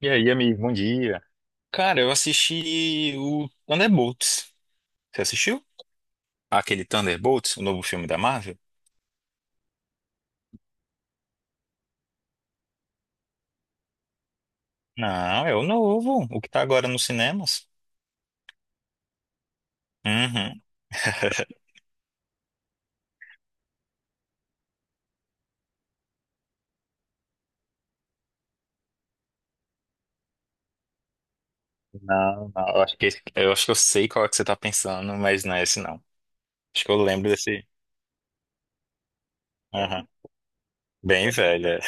E aí, amigo, bom dia. Cara, eu assisti o Thunderbolts. Você assistiu? Aquele Thunderbolts, o novo filme da Marvel? Não, é o novo, o que tá agora nos cinemas. Uhum. Não, não, eu acho que, eu acho que eu sei qual é que você tá pensando, mas não é esse não. Acho que eu lembro desse. Aham. Bem velho.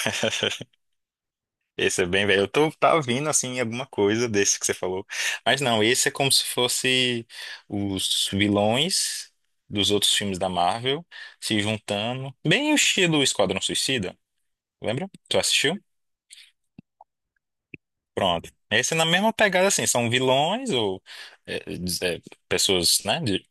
Esse é bem velho. Tá vindo assim alguma coisa desse que você falou. Mas não, esse é como se fosse os vilões dos outros filmes da Marvel se juntando. Bem o estilo Esquadrão Suicida, lembra? Tu assistiu? Pronto. Esse é na mesma pegada assim, são vilões ou é, é, pessoas, né, de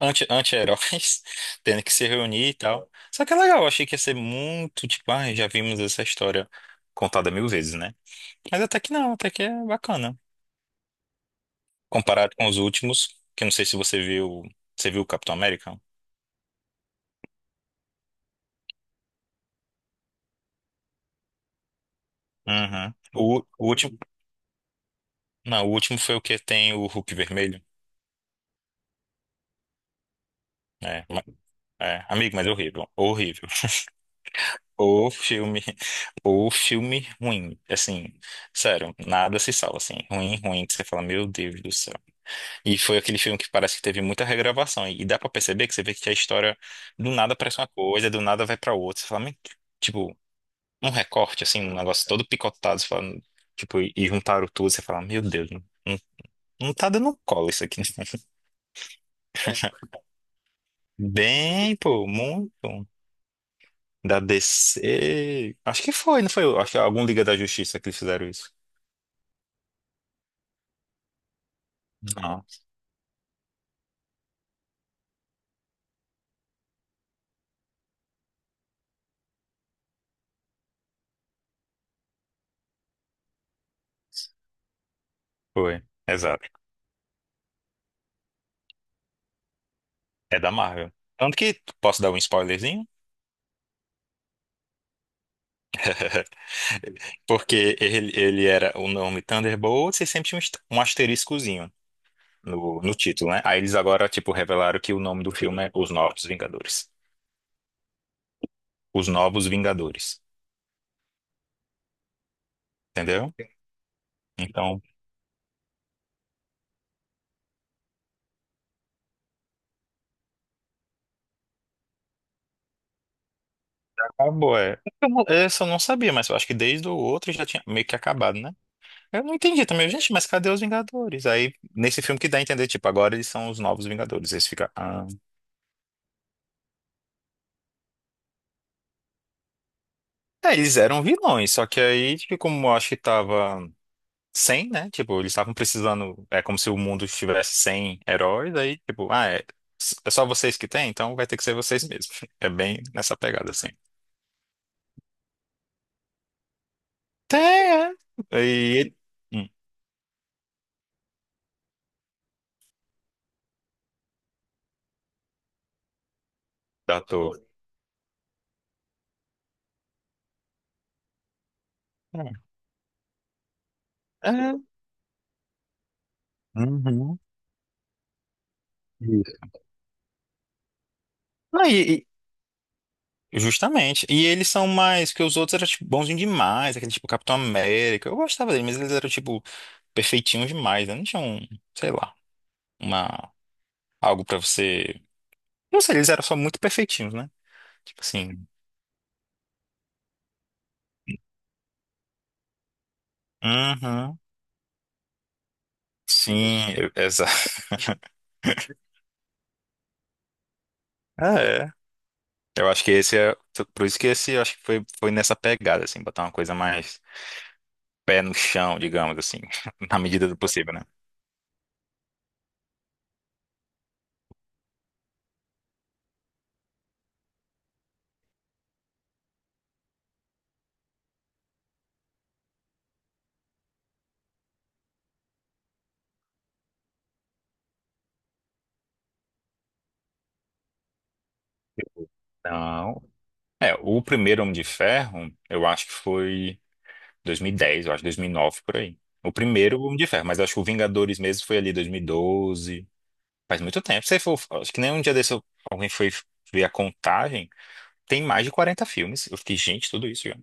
anti-heróis tendo que se reunir e tal. Só que é legal, eu achei que ia ser muito, tipo, ah, já vimos essa história contada mil vezes, né? Mas até que não, até que é bacana. Comparado com os últimos, que eu não sei se você viu. Você viu o Capitão América? Uhum. O último. Não, o último foi o que tem o Hulk vermelho. É, ma- é, amigo, mas é horrível. Horrível. O filme. O filme ruim. Assim, sério, nada se salva, assim. Ruim, ruim, que você fala, meu Deus do céu. E foi aquele filme que parece que teve muita regravação. E dá pra perceber que você vê que a história do nada parece uma coisa, do nada vai pra outra. Você fala, "Meu Deus.", tipo, um recorte, assim, um negócio todo picotado, você fala, tipo, e juntaram tudo, você fala, meu Deus, não não tá dando cola isso aqui, né? Bem, pô, muito. Da DC. Acho que foi, não foi? Acho que algum Liga da Justiça que eles fizeram isso. Não, foi. Exato. É da Marvel. Tanto que posso dar um spoilerzinho? Porque ele era o nome Thunderbolts e sempre tinha um um asteriscozinho no título, né? Aí eles agora, tipo, revelaram que o nome do filme é Os Novos Vingadores. Os Novos Vingadores. Entendeu? Então, acabou, é. Eu não- Essa eu não sabia, mas eu acho que desde o outro já tinha meio que acabado, né? Eu não entendi também, gente, mas cadê os Vingadores? Aí, nesse filme que dá a entender, tipo, agora eles são os novos Vingadores. Eles ficam. Ah. É, eles eram vilões, só que aí, tipo, como eu acho que tava sem, né? Tipo, eles estavam precisando. É como se o mundo estivesse sem heróis, aí, tipo, ah, é, é só vocês que tem, então vai ter que ser vocês mesmos. É bem nessa pegada, assim. Tem, é. E. Hum, da toa. É. É. Uhum. Isso. Não, e- justamente. E eles são mais que os outros eram tipo, bonzinhos demais, aquele tipo Capitão América. Eu gostava dele, mas eles eram tipo perfeitinhos demais, né? Não tinham, sei lá, uma algo pra você. Não sei, eles eram só muito perfeitinhos, né? Tipo assim. Uhum. Sim, exato. É. Eu acho que esse é. Por isso que esse eu acho que foi nessa pegada, assim, botar uma coisa mais pé no chão, digamos assim, na medida do possível, né? Não. É, o primeiro Homem de Ferro, eu acho que foi 2010, eu acho, 2009 por aí. O primeiro Homem de Ferro, mas acho que o Vingadores mesmo foi ali 2012. Faz muito tempo. Se for, acho que nem um dia desse alguém foi ver a contagem. Tem mais de 40 filmes. Eu fiquei, gente, tudo isso já.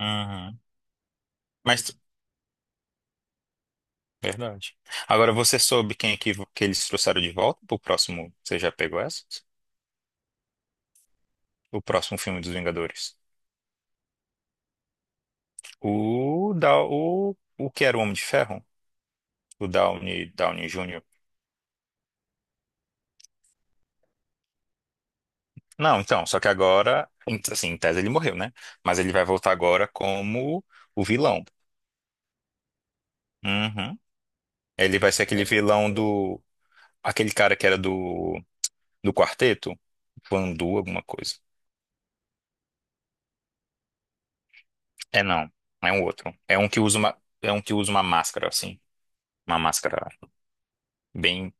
Uhum. Mas, verdade. Agora, você soube quem é que eles trouxeram de volta pro próximo? Você já pegou essa? O próximo filme dos Vingadores. O que era o Homem de Ferro? O Downey, Downey Jr. Não, então, só que agora, assim, em tese ele morreu, né? Mas ele vai voltar agora como o vilão. Uhum. Ele vai ser aquele vilão do. Aquele cara que era do quarteto? Vandu, alguma coisa. É não, é um outro. É um que usa uma máscara, assim. Uma máscara bem.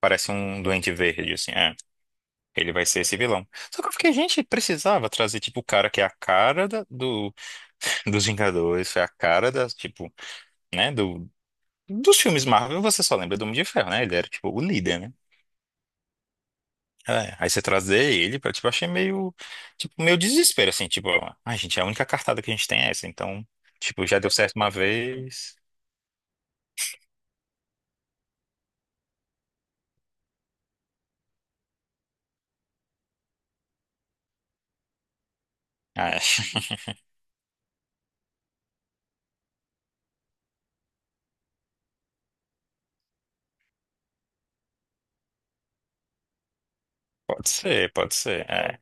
Parece um doente verde, assim. É. Ele vai ser esse vilão. Só que eu fiquei, gente, precisava trazer, tipo, o cara que é a cara do, dos Vingadores, foi a cara das, tipo, né, do, dos filmes Marvel, você só lembra do Homem de Ferro, né? Ele era, tipo, o líder, né? É, aí você trazer ele pra, tipo, eu achei meio, tipo, meio desespero, assim, tipo, ai, gente, a única cartada que a gente tem é essa, então, tipo, já deu certo uma vez. É, pode ser, é.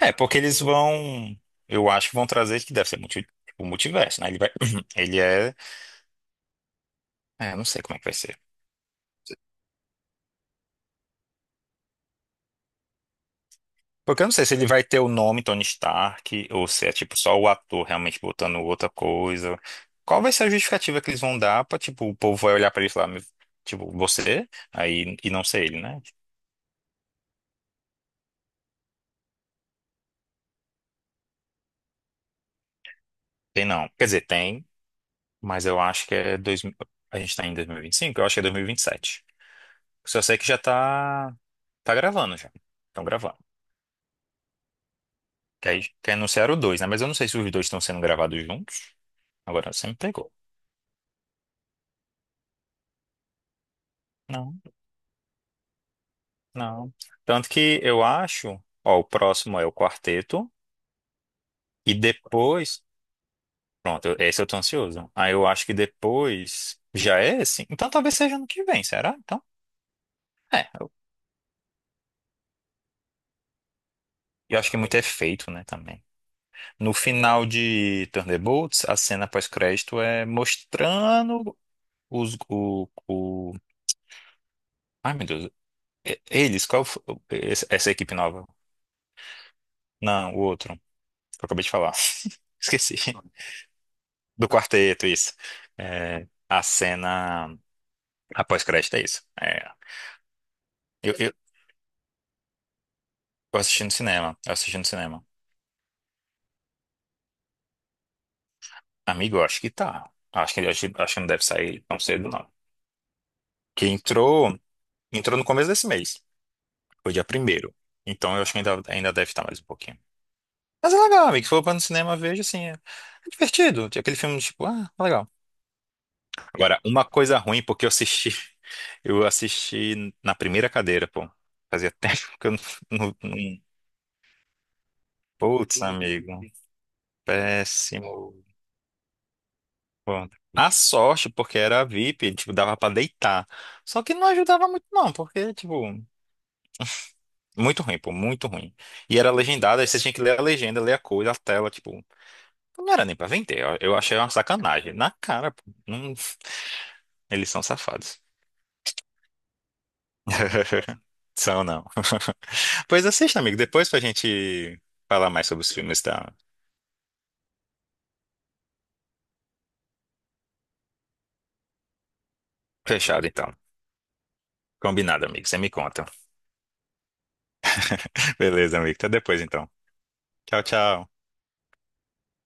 É, porque eles vão, eu acho que vão trazer que deve ser multi, tipo, multiverso, né? Ele vai, ele é, é, não sei como é que vai ser. Porque eu não sei se ele vai ter o nome Tony Stark ou se é tipo só o ator realmente botando outra coisa. Qual vai ser a justificativa que eles vão dar pra, tipo, o povo vai olhar pra ele e falar, "Meu- tipo, você? Aí, e não ser ele, né?" Tem não. Quer dizer, tem, mas eu acho que a gente tá em dois mil e vinte e cinco. Eu acho que é 2027. Só sei que tá gravando já. Estão gravando. Que aí que anunciaram o dois, né? Mas eu não sei se os dois estão sendo gravados juntos. Agora você me pegou. Não. Tanto que eu acho, ó, o próximo é o quarteto, e depois. Pronto, esse eu tô ansioso. Aí eu acho que depois já é esse. Então talvez seja ano que vem, será? Então, é. Eu acho que muito é feito, né, também. No final de Thunderbolts, a cena pós-crédito é mostrando os. O... Ai, meu Deus. Eles, qual foi, essa equipe nova? Não, o outro. Que eu acabei de falar. Esqueci. Do quarteto, isso. É, a cena. A pós-crédito é isso. É. Eu, eu, eu assisti no cinema. Eu assisti no cinema. Amigo, eu acho que tá. Acho que, acho que não deve sair tão cedo, não. Que entrou, entrou no começo desse mês. Foi dia primeiro. Então eu acho que ainda deve estar mais um pouquinho. Mas é legal, amigo. Se for pra no cinema, veja assim. É, é divertido. Tem aquele filme, tipo, ah, é legal. Agora, uma coisa ruim, porque eu assisti. Eu assisti na primeira cadeira, pô. Fazia tempo que eu não. não- não- Putz, amigo. Péssimo. Bom, a sorte, porque era VIP, tipo, dava pra deitar. Só que não ajudava muito, não, porque, tipo, muito ruim, pô, muito ruim. E era legendado, aí você tinha que ler a legenda, ler a coisa, a tela, tipo, então não era nem pra vender. Eu achei uma sacanagem. Na cara, pô. Eles são safados. São, não. Pois assista, amigo, depois pra gente falar mais sobre os filmes, tá? Fechado, então. Combinado, amigo, você me conta. Beleza, amigo, até depois, então. Tchau, tchau.